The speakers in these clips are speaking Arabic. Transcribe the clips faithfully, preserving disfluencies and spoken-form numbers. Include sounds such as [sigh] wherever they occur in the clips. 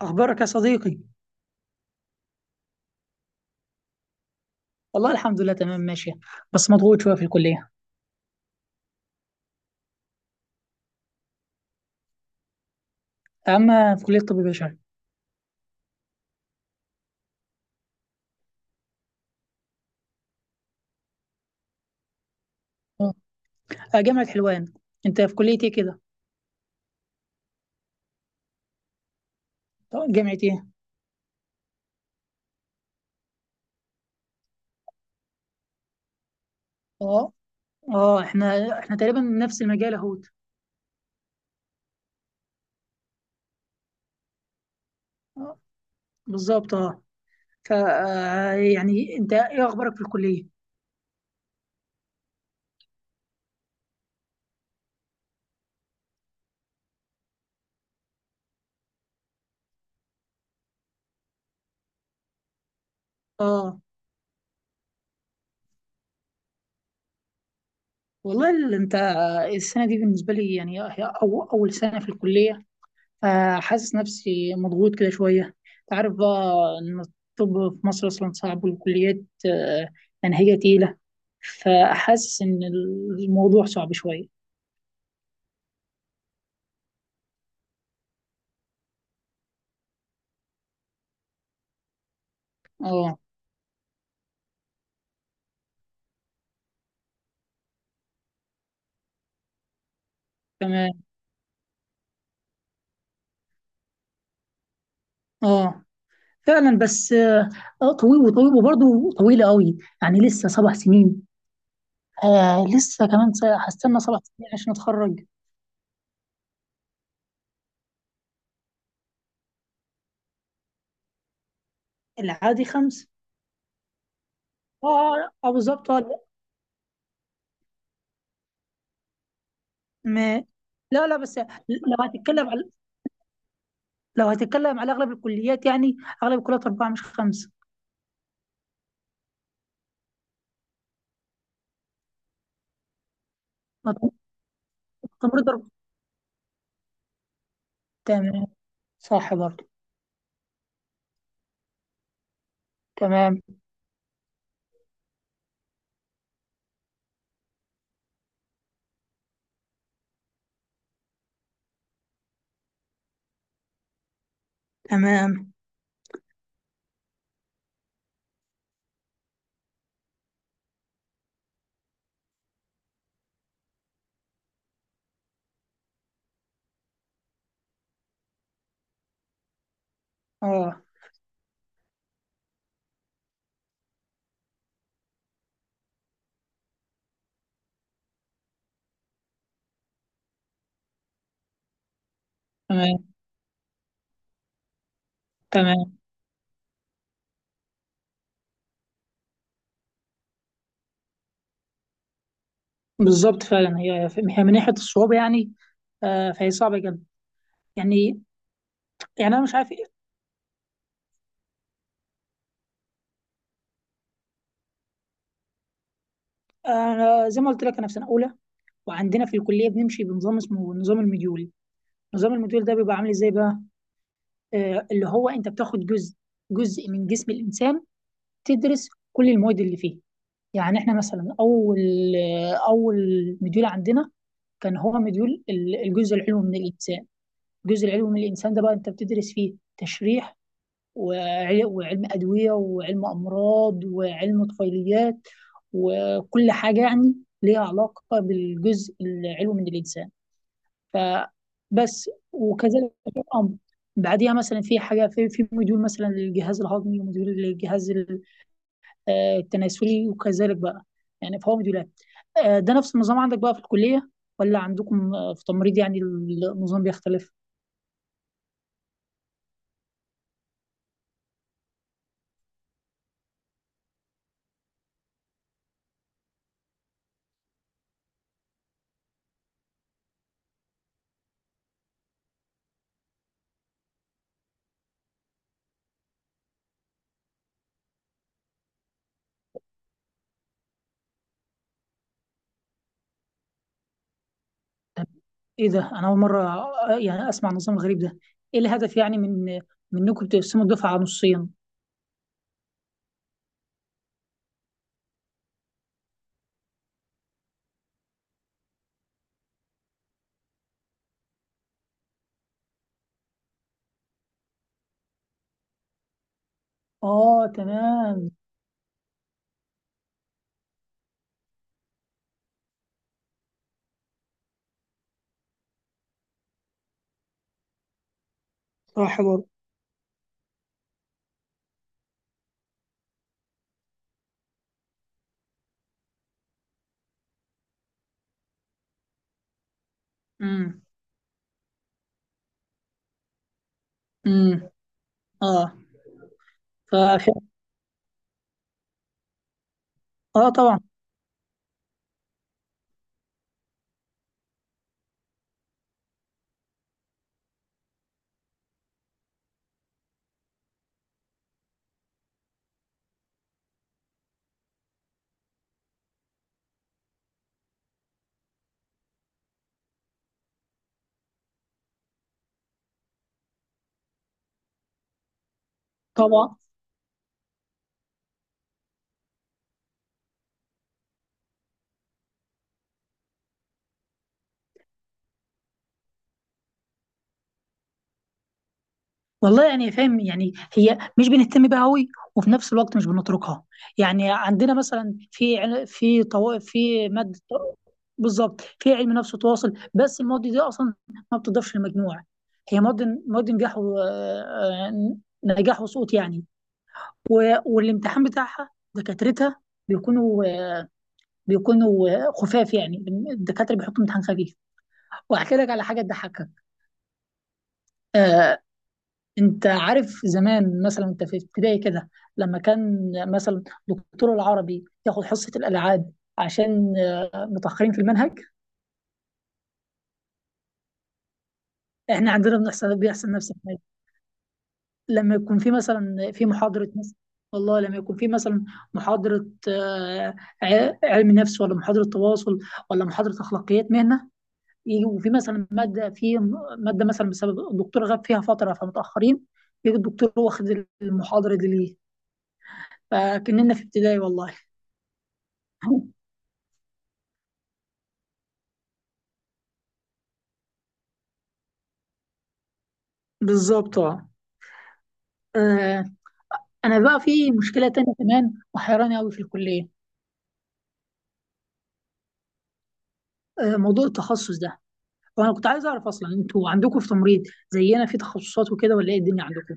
أخبارك يا صديقي؟ والله الحمد لله تمام ماشية، بس مضغوط شوية في الكلية. أما في كلية طب بشري. أه. آه، جامعة حلوان. أنت في كلية إيه كده؟ طب جامعة إيه؟ أه. أه إحنا إحنا تقريبا من نفس المجال أهوت. آه، بالظبط أه. ف آه، يعني أنت إيه أخبارك في الكلية؟ أه. والله ال- أنت آه، السنة دي بالنسبة لي يعني هي أو أول سنة في الكلية. فحاسس نفسي مضغوط كده شوية. انت عارف بقى إن الطب في مصر أصلا صعب والكليات آه، منهجة تقيلة. فحاسس إن الموضوع صعب شوية. اه، تمام، اه، فعلا بس اه. آه، طويل وطويل وبرضه طويلة قوي يعني لسه سبع سنين. آه لسه كمان س- هستنى سبع سنين عشان اتخرج. العادي خمس. اه اه آه، بالظبط آه، لا. ما. لا، لا، بس لو هتتكلم على لو هتتكلم على اغلب الكليات يعني اغلب الكليات اربعه مش خمسه. مط- تمريض اربعه. تمام. صح برضه. تمام تمام. اه، تمام تمام، بالظبط فعلا. هي هي من ناحيه الصعوبه يعني آه فهي صعبه جدا يعني يعني انا مش عارف إيه. انا زي ما قلت لك، انا في سنه اولى وعندنا في الكليه بنمشي بنظام اسمه نظام المديول. نظام المديول ده بيبقى عامل ازاي بقى؟ آه اللي هو انت بتاخد جزء جزء من جسم الانسان، تدرس كل المواد اللي فيه. يعني احنا مثلا اول اول مديول عندنا كان هو مديول ال- الجزء العلوي من الانسان. الجزء العلوي من الانسان ده بقى انت بتدرس فيه تشريح وعل- وعلم ادويه وعلم امراض وعلم طفيليات وكل حاجه يعني ليها علاقه بالجزء العلوي من الانسان. فبس وكذلك الامر. بعديها مثلا في حاجه في في مديول مثلا للجهاز الهضمي ومديول للجهاز آه، التناسلي، وكذلك بقى يعني في هوامد ولاد. آه، ده نفس النظام عندك بقى في الكلية، ولا عندكم آه، في تمريض يعني النظام بيختلف؟ طب ايه ده؟ انا اول مرة آه، يعني اسمع النظام الغريب ده. ايه الهدف يعني من من انكم تقسموا الدفعة على نصين؟ اه تمام. صح برضه. امم. امم. اه. فف... اه طبعا. طبعا. والله يعني فاهم، يعني هي مش بنهتم بيها قوي وفي نفس الوقت مش بنتركها. يعني عندنا مثلا في عل- في طوائف في ماده. بالظبط، في علم نفس وتواصل، بس المواد دي اصلا ما بتضافش للمجموع. هي مواد مواد نجاح و... آه، نجاح وسقوط يعني و... والامتحان بتاعها دكاترتها بيكونوا بيكونوا خفاف يعني. الدكاتره بيحطوا امتحان خفيف. واحكي لك على حاجه تضحكك. آه، انت عارف زمان مثلا انت في ابتدائي كده، لما كان مثلا دكتور العربي ياخد حصة الالعاب عشان آه، متأخرين في المنهج. احنا عندنا بنحصل بيحصل نفس الحاجة لما يكون في مثلا في محاضرة مثلا. والله لما يكون في مثلا محاضرة آه، ع- علم نفس، ولا محاضرة تواصل، ولا محاضرة أخلاقيات مهنة، يجي وفي مثلا مادة في مادة مثلا بسبب الدكتور غاب فيها فترة فمتأخرين، يجي الدكتور واخد المحاضرة دي ليه. فكأننا في ابتدائي والله. [laughs] بالظبط اه. آه، انا بقى في مشكله تانية كمان وحيراني قوي في الكليه، آه، موضوع التخصص ده. وانا كنت عايز اعرف اصلا انتوا عندكم في تمريض زينا في تخصصات وكده ولا ايه الدنيا عندكم؟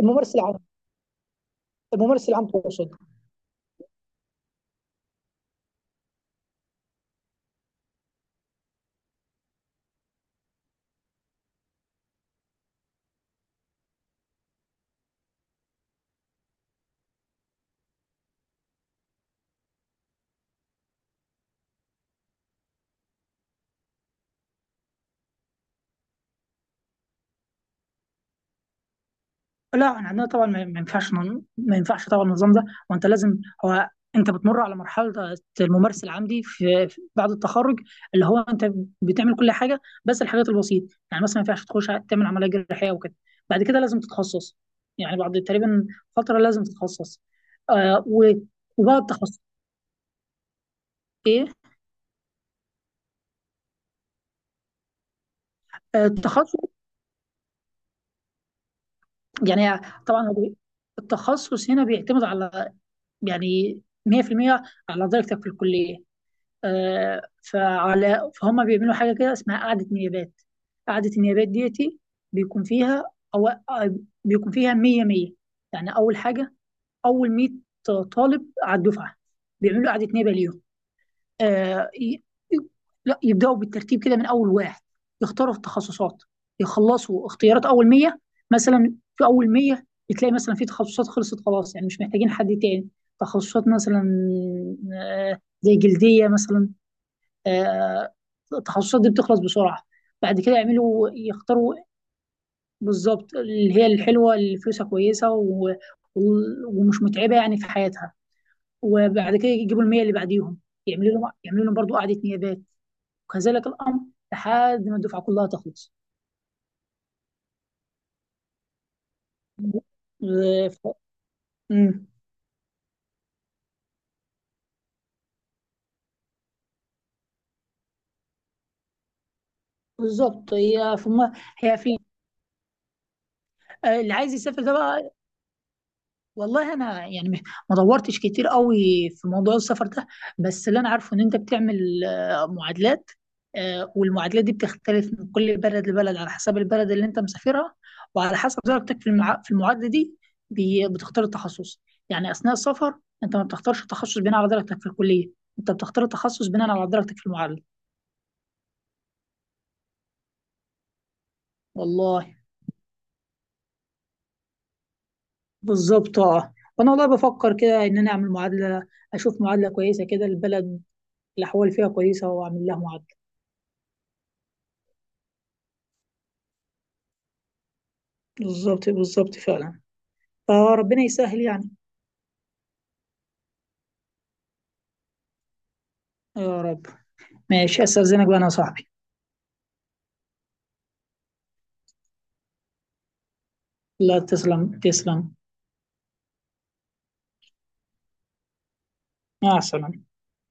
الممارس العام. الممارس العام تقصد؟ لا احنا عندنا طبعا ما ما ينفعش نن- ما ينفعش طبعا النظام ده. وانت لازم هو انت بتمر على مرحله الممارس العملي في في- بعد التخرج، اللي هو انت بتعمل كل حاجه بس الحاجات البسيطه، يعني مثلا ما ينفعش تخش ع- تعمل عمليه جراحيه وكده. بعد كده لازم تتخصص، يعني بعد تقريبا فتره لازم تتخصص. آه و- وبقى التخصص ايه؟ آه التخصص يعني طبعا هو بي- التخصص هنا بيعتمد على، يعني مية في المية على درجتك في الكليه. آه، فعلى فهم بيعملوا حاجة كده اسمها قعدة نيابات. قعدة النيابات ديتي بيكون فيها أو آه، بيكون فيها مية مية، يعني أول حاجة، أول مية طالب على الدفعة بيعملوا قعدة نيابة ليهم. آه، ي- ي- لا يبدأوا بالترتيب كده من أول واحد يختاروا في التخصصات، يخلصوا اختيارات أول مية. مثلا في أول مية بتلاقي مثلا في تخصصات خلصت خلاص يعني مش محتاجين حد تاني. تخصصات مثلا آه، زي جلدية مثلا. آه، التخصصات دي بتخلص بسرعة. بعد كده يعملوا يختاروا. بالظبط، اللي هي الحلوة، اللي فلوسها كويسة و... و- ومش متعبة يعني في حياتها. وبعد كده يجيبوا المية اللي بعديهم، يعملوا لهم يعملوا لهم برضه قعدة نيابات، وكذلك الأمر لحد ما الدفعة كلها تخلص. آه، ف- مم. بالظبط هي في م- هي في آه، اللي عايز يسافر ده بقى، والله انا يعني مش- ما دورتش كتير قوي في موضوع السفر ده. بس اللي انا عارفه ان انت بتعمل آه، معادلات، آه، والمعادلات دي بتختلف من كل بلد لبلد على حسب البلد اللي انت مسافرها وعلى حسب درجتك في المع... في المعادله دي بي- بتختار التخصص. يعني اثناء السفر انت ما بتختارش التخصص بناء على درجتك في الكليه، انت بتختار التخصص بناء على درجتك في المعادله. والله بالظبط اه. وانا والله بفكر كده ان انا اعمل معادله، اشوف معادله كويسه كده البلد الاحوال فيها كويسه واعمل لها معادله. بالظبط بالظبط فعلا، فربنا يسهل يعني. يا رب. ماشي، استاذنك بقى انا يا صاحبي. لا، تسلم تسلم. مع السلامه.